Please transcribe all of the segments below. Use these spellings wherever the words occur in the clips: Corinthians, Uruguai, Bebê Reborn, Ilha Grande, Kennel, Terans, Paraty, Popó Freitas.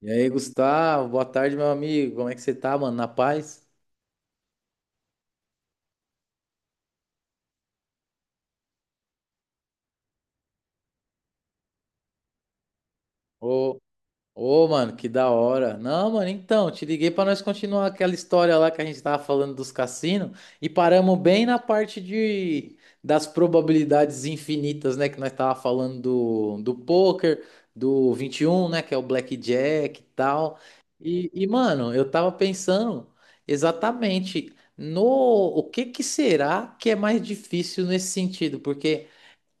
E aí, Gustavo, boa tarde, meu amigo. Como é que você tá, mano? Na paz? Ô, ô, mano, que da hora. Não, mano, então, te liguei pra nós continuar aquela história lá que a gente tava falando dos cassinos e paramos bem na parte de das probabilidades infinitas, né, que nós tava falando do poker, do 21, né, que é o blackjack e tal. E, mano, eu tava pensando exatamente no o que que será que é mais difícil nesse sentido, porque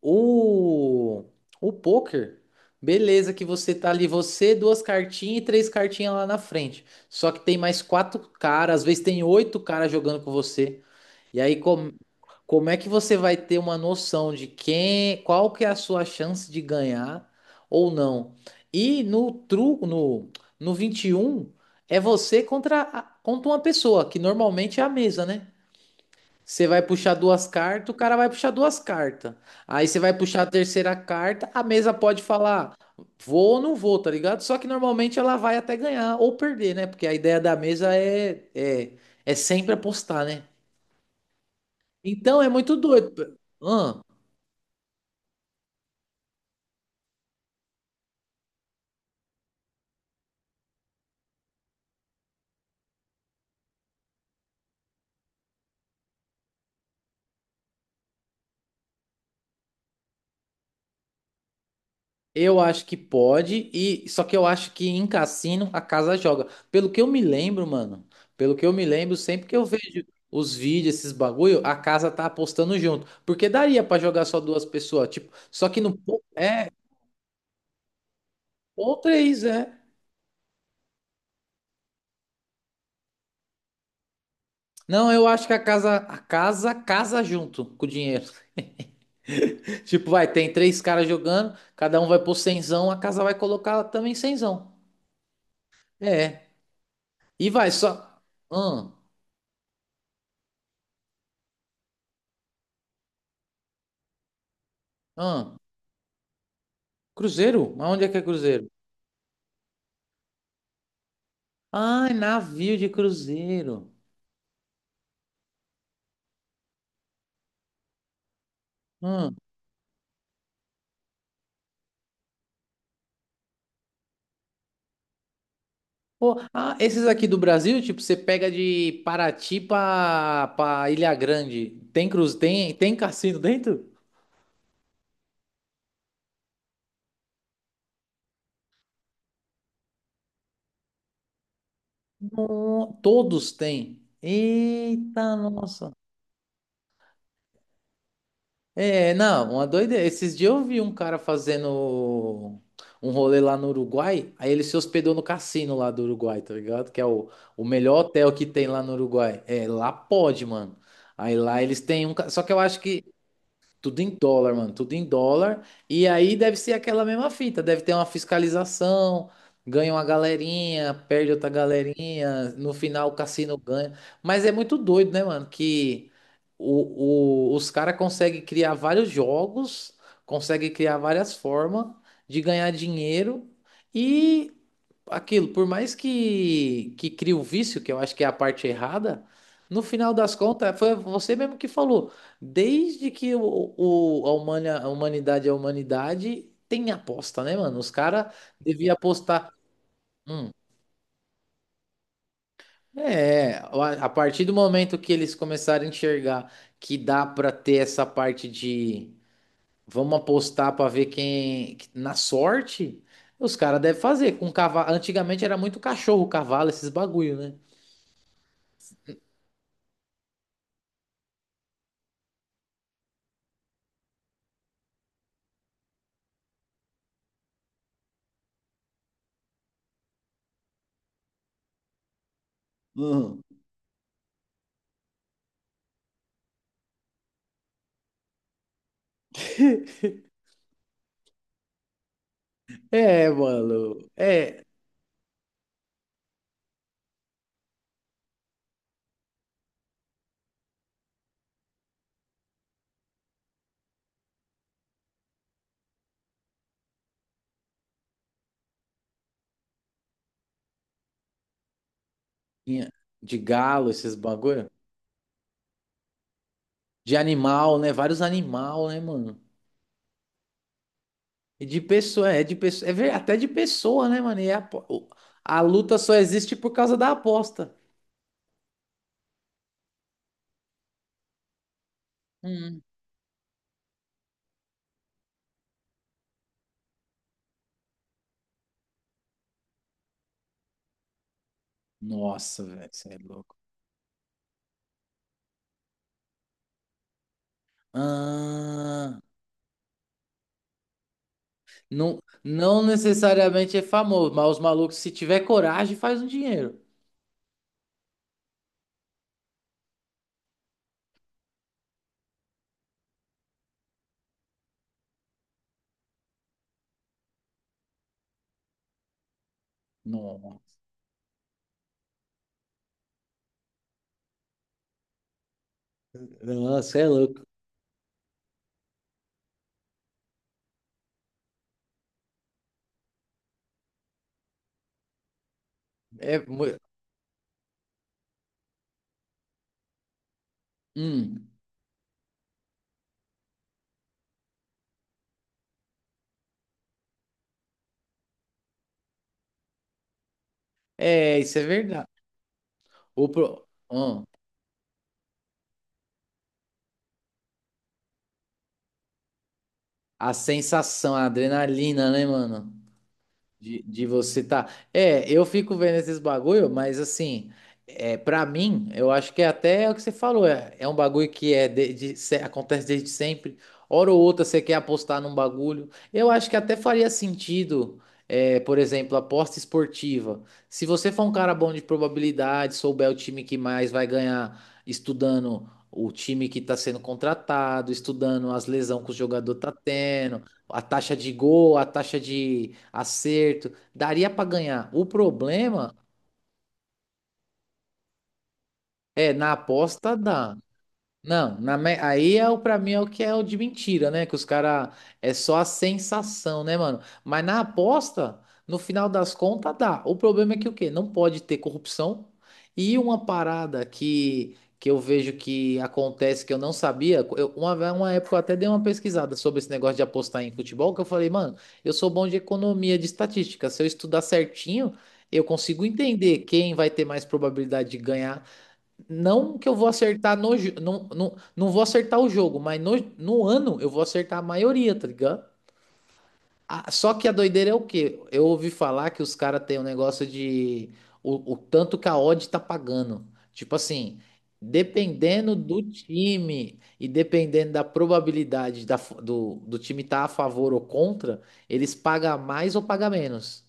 O, o poker, beleza, que você tá ali, você, duas cartinhas e três cartinhas lá na frente. Só que tem mais quatro caras, às vezes tem oito caras jogando com você. E aí, como é que você vai ter uma noção de quem, qual que é a sua chance de ganhar ou não? E no truco, no 21 é você contra uma pessoa, que normalmente é a mesa, né? Você vai puxar duas cartas, o cara vai puxar duas cartas. Aí você vai puxar a terceira carta, a mesa pode falar vou ou não vou, tá ligado? Só que normalmente ela vai até ganhar ou perder, né? Porque a ideia da mesa é sempre apostar, né? Então é muito doido. Ahn? Eu acho que pode, e só que eu acho que em cassino a casa joga. Pelo que eu me lembro, mano, pelo que eu me lembro, sempre que eu vejo os vídeos, esses bagulho, a casa tá apostando junto. Porque daria pra jogar só duas pessoas, tipo, só que no ou três, é. Não, eu acho que a casa casa junto com o dinheiro. Tipo, vai, tem três caras jogando, cada um vai pôr cenzão, a casa vai colocar também cenzão. É. E vai só. Hum, hum. Cruzeiro? Mas onde é que é Cruzeiro? Ai, navio de cruzeiro. Hum. Pô, ah, esses aqui do Brasil, tipo, você pega de Paraty pra Ilha Grande. Tem cruz, tem cassino dentro? No- todos têm. Eita, nossa. É, não, uma doideira. Esses dias eu vi um cara fazendo um rolê lá no Uruguai, aí ele se hospedou no cassino lá do Uruguai, tá ligado? Que é o melhor hotel que tem lá no Uruguai. É, lá pode, mano. Aí lá eles têm um. Só que eu acho que Tudo em dólar, mano, tudo em dólar. E aí deve ser aquela mesma fita, deve ter uma fiscalização, ganha uma galerinha, perde outra galerinha, no final o cassino ganha. Mas é muito doido, né, mano, que os caras conseguem criar vários jogos, conseguem criar várias formas de ganhar dinheiro e aquilo, por mais que crie o vício, que eu acho que é a parte errada, no final das contas, foi você mesmo que falou. Desde que a humanidade é a humanidade, tem aposta, né, mano? Os caras deviam apostar. Hum, é, a partir do momento que eles começarem a enxergar que dá pra ter essa parte de vamos apostar pra ver quem na sorte, os caras devem fazer com cavalo. Antigamente era muito cachorro, cavalo, esses bagulho, né? Uhum. É, mano. É, tinha de galo, esses bagulho. De animal, né? Vários animal, né, mano? E de pessoa, é até de pessoa, né, mano? E a luta só existe por causa da aposta. Hum. Nossa, velho, você é louco. Ah, não, não necessariamente é famoso, mas os malucos, se tiver coragem, faz um dinheiro. Nossa, nossa, é louco. É, mu- hum, é, isso é verdade. O, pro- hum, a sensação, a adrenalina, né, mano? De você tá. É, eu fico vendo esses bagulho, mas assim, é, para mim, eu acho que é até o que você falou, é um bagulho que é de, acontece desde sempre. Hora ou outra você quer apostar num bagulho. Eu acho que até faria sentido, é, por exemplo, aposta esportiva. Se você for um cara bom de probabilidade, souber o time que mais vai ganhar, estudando o time que está sendo contratado, estudando as lesões que o jogador tá tendo a taxa de gol, a taxa de acerto, daria para ganhar. O problema é na aposta dá. Não, aí é o para mim é o que é o de mentira, né? Que os cara é só a sensação, né, mano? Mas na aposta, no final das contas dá. O problema é que o quê? Não pode ter corrupção. E uma parada que eu vejo que acontece que eu não sabia, uma época eu até dei uma pesquisada sobre esse negócio de apostar em futebol, que eu falei, mano, eu sou bom de economia, de estatística, se eu estudar certinho, eu consigo entender quem vai ter mais probabilidade de ganhar não que eu vou acertar não vou acertar o jogo, mas no ano eu vou acertar a maioria, tá ligado? Ah, só que a doideira é o quê? Eu ouvi falar que os caras têm um negócio de o tanto que a odd tá pagando. Tipo assim, dependendo do time e dependendo da probabilidade do time estar tá a favor ou contra, eles pagam mais ou pagam menos.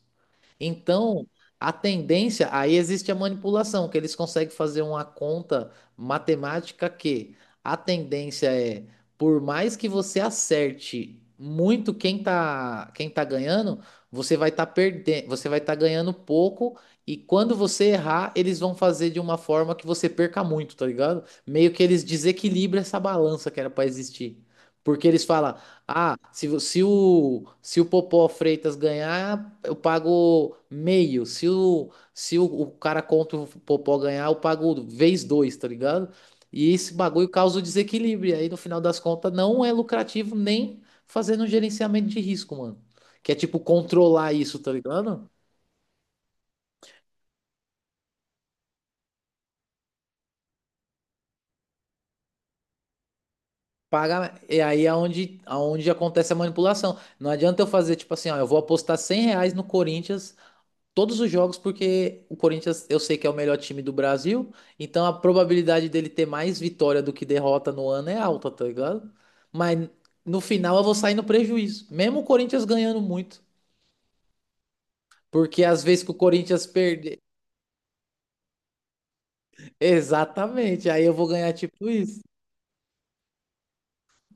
Então, a tendência, aí existe a manipulação, que eles conseguem fazer uma conta matemática que a tendência é, por mais que você acerte muito quem tá ganhando, você vai estar perdendo, você vai estar ganhando pouco e quando você errar, eles vão fazer de uma forma que você perca muito, tá ligado? Meio que eles desequilibram essa balança que era para existir. Porque eles falam, ah, se o Popó Freitas ganhar, eu pago meio. Se o cara contra o Popó ganhar, eu pago 2, tá ligado? E esse bagulho causa o desequilíbrio. E aí, no final das contas, não é lucrativo nem fazendo um gerenciamento de risco, mano. Que é tipo controlar isso, tá ligado? Paga, e aí é onde, aonde acontece a manipulação. Não adianta eu fazer tipo assim, ó, eu vou apostar 100 reais no Corinthians todos os jogos, porque o Corinthians eu sei que é o melhor time do Brasil, então a probabilidade dele ter mais vitória do que derrota no ano é alta, tá ligado? Mas no final eu vou sair no prejuízo, mesmo o Corinthians ganhando muito, porque às vezes que o Corinthians perder, exatamente, aí eu vou ganhar tipo isso.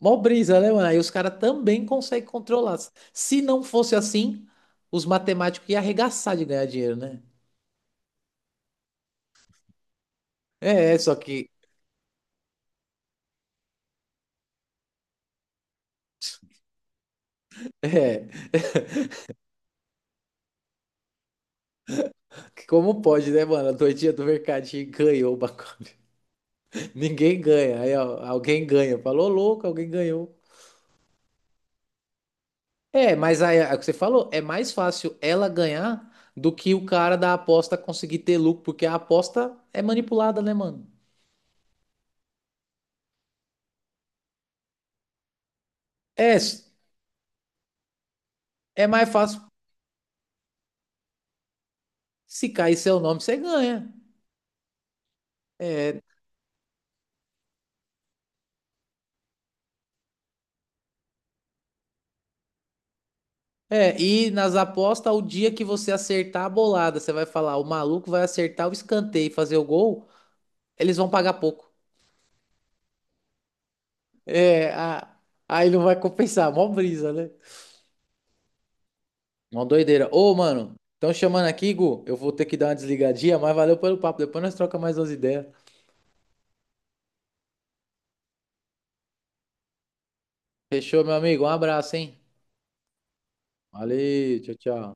Mó brisa, né, mano? Aí os caras também conseguem controlar. Se não fosse assim, os matemáticos iam arregaçar de ganhar dinheiro, né? É, só que. É, como pode, né, mano? A doidinha do mercadinho ganhou o bagulho. Ninguém ganha. Aí, ó, alguém ganha. Falou louco, alguém ganhou. É, mas aí, é o que você falou, é mais fácil ela ganhar do que o cara da aposta conseguir ter lucro, porque a aposta é manipulada, né, mano? É, s- é mais fácil se cair seu nome, você ganha. É, é, e nas apostas, o dia que você acertar a bolada, você vai falar, o maluco vai acertar o escanteio e fazer o gol, eles vão pagar pouco. É, a- aí não vai compensar, mó brisa, né? Mó doideira. Ô, mano, estão chamando aqui, Gu. Eu vou ter que dar uma desligadinha, mas valeu pelo papo. Depois nós troca mais umas ideias. Fechou, meu amigo? Um abraço, hein? Valeu, tchau, tchau.